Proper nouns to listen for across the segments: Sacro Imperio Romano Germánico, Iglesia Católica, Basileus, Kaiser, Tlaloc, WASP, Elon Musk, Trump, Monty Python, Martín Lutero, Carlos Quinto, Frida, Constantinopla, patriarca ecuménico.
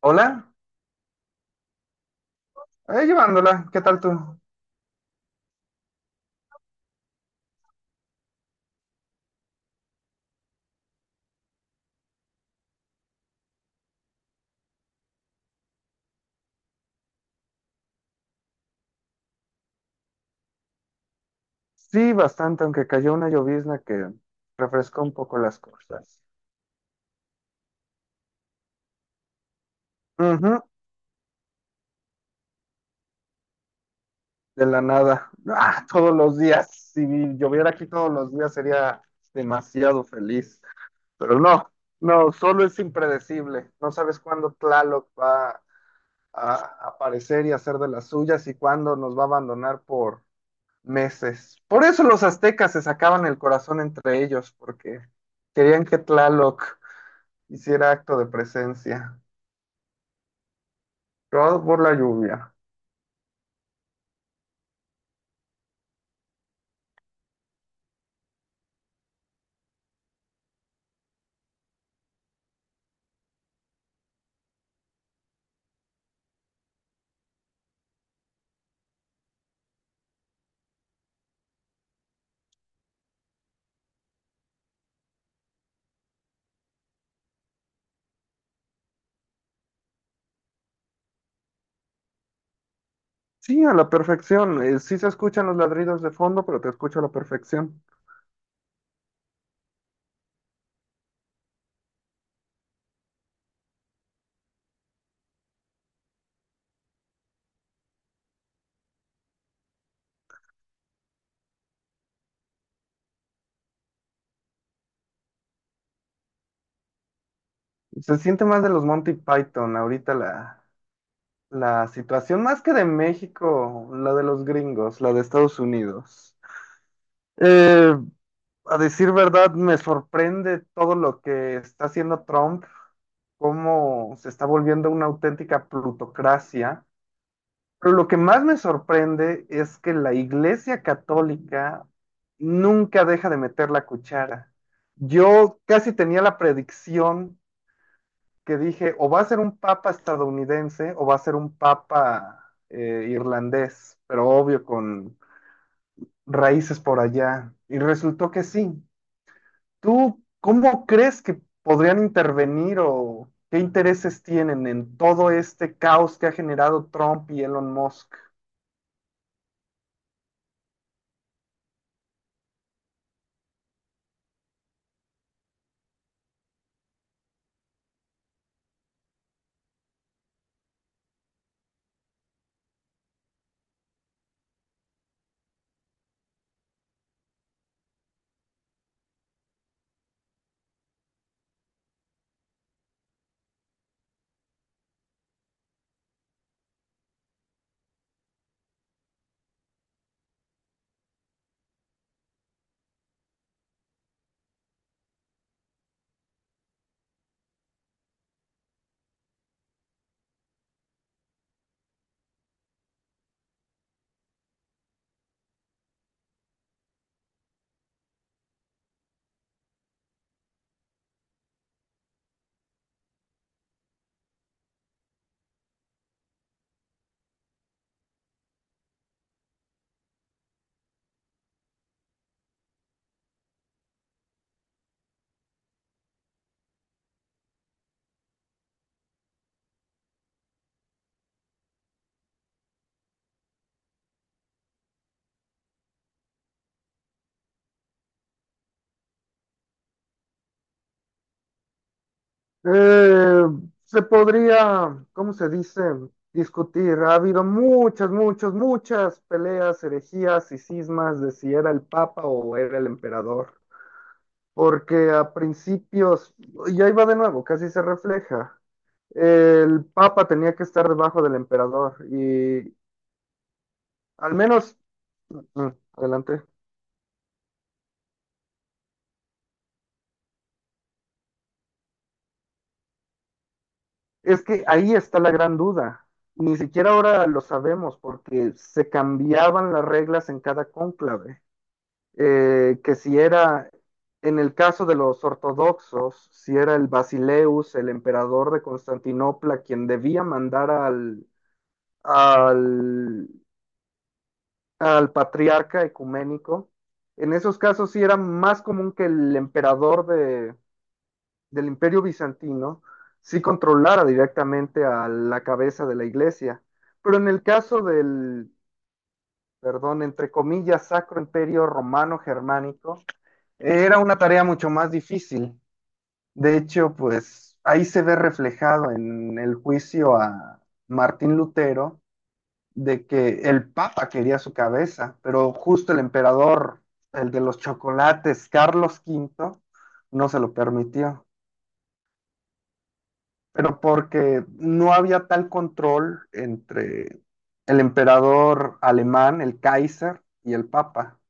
Hola, ahí llevándola, ¿qué tal tú? Sí, bastante, aunque cayó una llovizna que refrescó un poco las cosas. Ujú, de la nada. Ah, todos los días. Si lloviera aquí todos los días sería demasiado feliz. Pero no, no, solo es impredecible. No sabes cuándo Tlaloc va a aparecer y hacer de las suyas y cuándo nos va a abandonar por meses. Por eso los aztecas se sacaban el corazón entre ellos, porque querían que Tlaloc hiciera acto de presencia, robado por la lluvia. Sí, a la perfección. Sí se escuchan los ladridos de fondo, pero te escucho a la perfección. Se siente más de los Monty Python ahorita la situación, más que de México, la de los gringos, la de Estados Unidos. Eh, a decir verdad, me sorprende todo lo que está haciendo Trump, cómo se está volviendo una auténtica plutocracia. Pero lo que más me sorprende es que la Iglesia Católica nunca deja de meter la cuchara. Yo casi tenía la predicción, que dije, o va a ser un papa estadounidense o va a ser un papa irlandés, pero obvio con raíces por allá. Y resultó que sí. ¿Tú cómo crees que podrían intervenir o qué intereses tienen en todo este caos que ha generado Trump y Elon Musk? Eh, se podría, ¿cómo se dice? Discutir. Ha habido muchas, muchas, muchas peleas, herejías y cismas de si era el papa o era el emperador. Porque a principios, y ahí va de nuevo, casi se refleja. El papa tenía que estar debajo del emperador y al menos, mm, adelante. Es que ahí está la gran duda. Ni siquiera ahora lo sabemos porque se cambiaban las reglas en cada cónclave. Que si era, en el caso de los ortodoxos, si era el Basileus, el emperador de Constantinopla, quien debía mandar al, al, al patriarca ecuménico, en esos casos sí era más común que el emperador de, del imperio bizantino sí controlara directamente a la cabeza de la iglesia. Pero en el caso del, perdón, entre comillas, Sacro Imperio Romano Germánico, era una tarea mucho más difícil. De hecho, pues ahí se ve reflejado en el juicio a Martín Lutero, de que el Papa quería su cabeza, pero justo el emperador, el de los chocolates, Carlos Quinto, no se lo permitió. Pero porque no había tal control entre el emperador alemán, el Kaiser, y el Papa.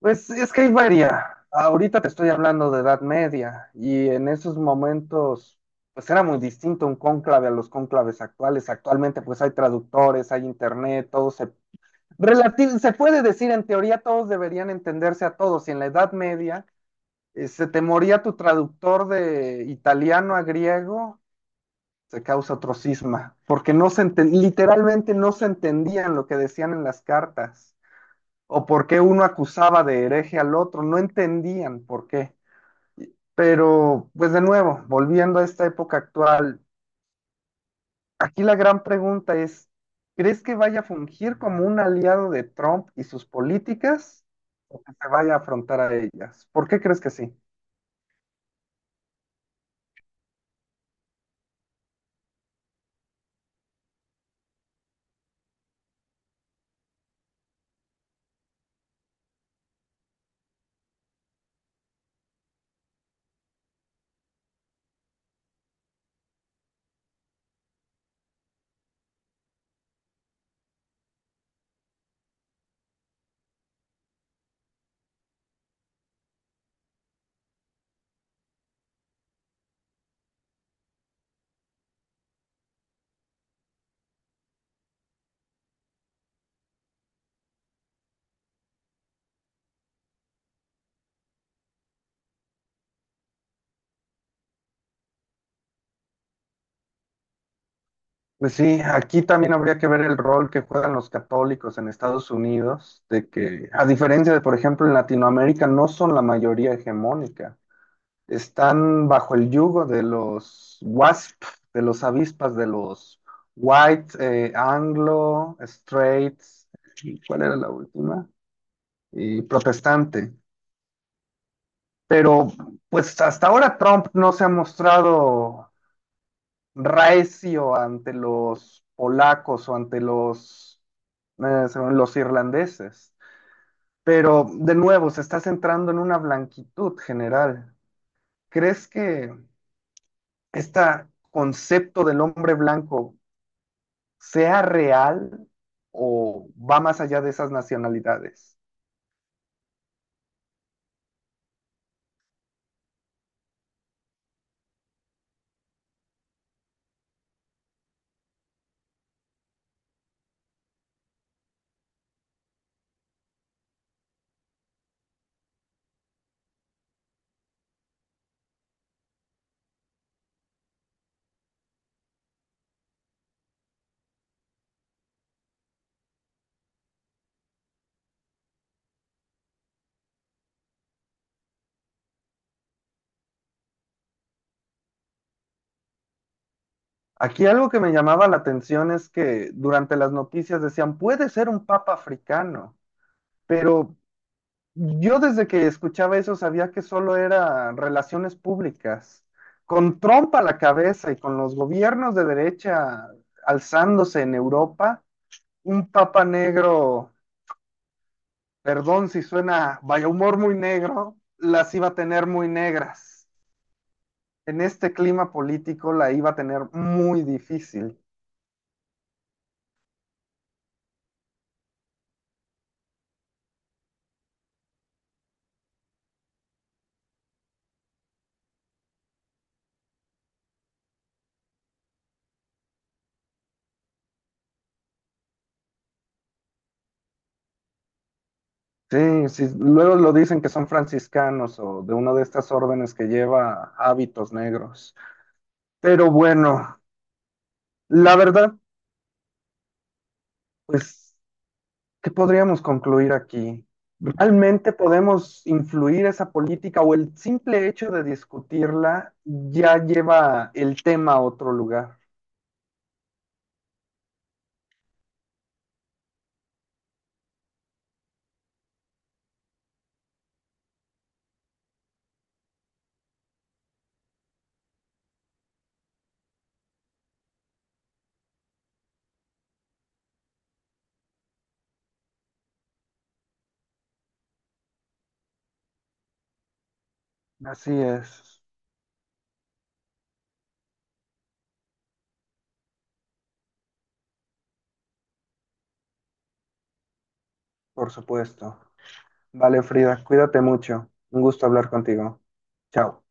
Pues es que hay varía. Ahorita te estoy hablando de Edad Media y en esos momentos pues era muy distinto un cónclave a los cónclaves actuales. Actualmente pues hay traductores, hay internet, todo se relati- se puede decir en teoría todos deberían entenderse a todos. Y en la Edad Media se te moría tu traductor de italiano a griego, se causa otro cisma, porque no se enten- literalmente no se entendían lo que decían en las cartas o por qué uno acusaba de hereje al otro, no entendían por qué. Pero, pues de nuevo, volviendo a esta época actual, aquí la gran pregunta es, ¿crees que vaya a fungir como un aliado de Trump y sus políticas o que se vaya a afrontar a ellas? ¿Por qué crees que sí? Pues sí, aquí también habría que ver el rol que juegan los católicos en Estados Unidos, de que a diferencia de, por ejemplo, en Latinoamérica, no son la mayoría hegemónica. Están bajo el yugo de los WASP, de los avispas, de los White, Anglo, Straits, ¿cuál era la última? Y protestante. Pero pues hasta ahora Trump no se ha mostrado reacio ante los polacos o ante los, según los irlandeses. Pero de nuevo, se está centrando en una blanquitud general. ¿Crees que este concepto del hombre blanco sea real o va más allá de esas nacionalidades? Aquí algo que me llamaba la atención es que durante las noticias decían, puede ser un papa africano, pero yo desde que escuchaba eso sabía que solo era relaciones públicas. Con Trump a la cabeza y con los gobiernos de derecha alzándose en Europa, un papa negro, perdón si suena, vaya, humor muy negro, las iba a tener muy negras. En este clima político la iba a tener muy difícil. Sí, sí, luego lo dicen que son franciscanos o de una de estas órdenes que lleva hábitos negros. Pero bueno, la verdad, pues, ¿qué podríamos concluir aquí? ¿Realmente podemos influir esa política o el simple hecho de discutirla ya lleva el tema a otro lugar? Así es. Por supuesto. Vale, Frida, cuídate mucho. Un gusto hablar contigo. Chao.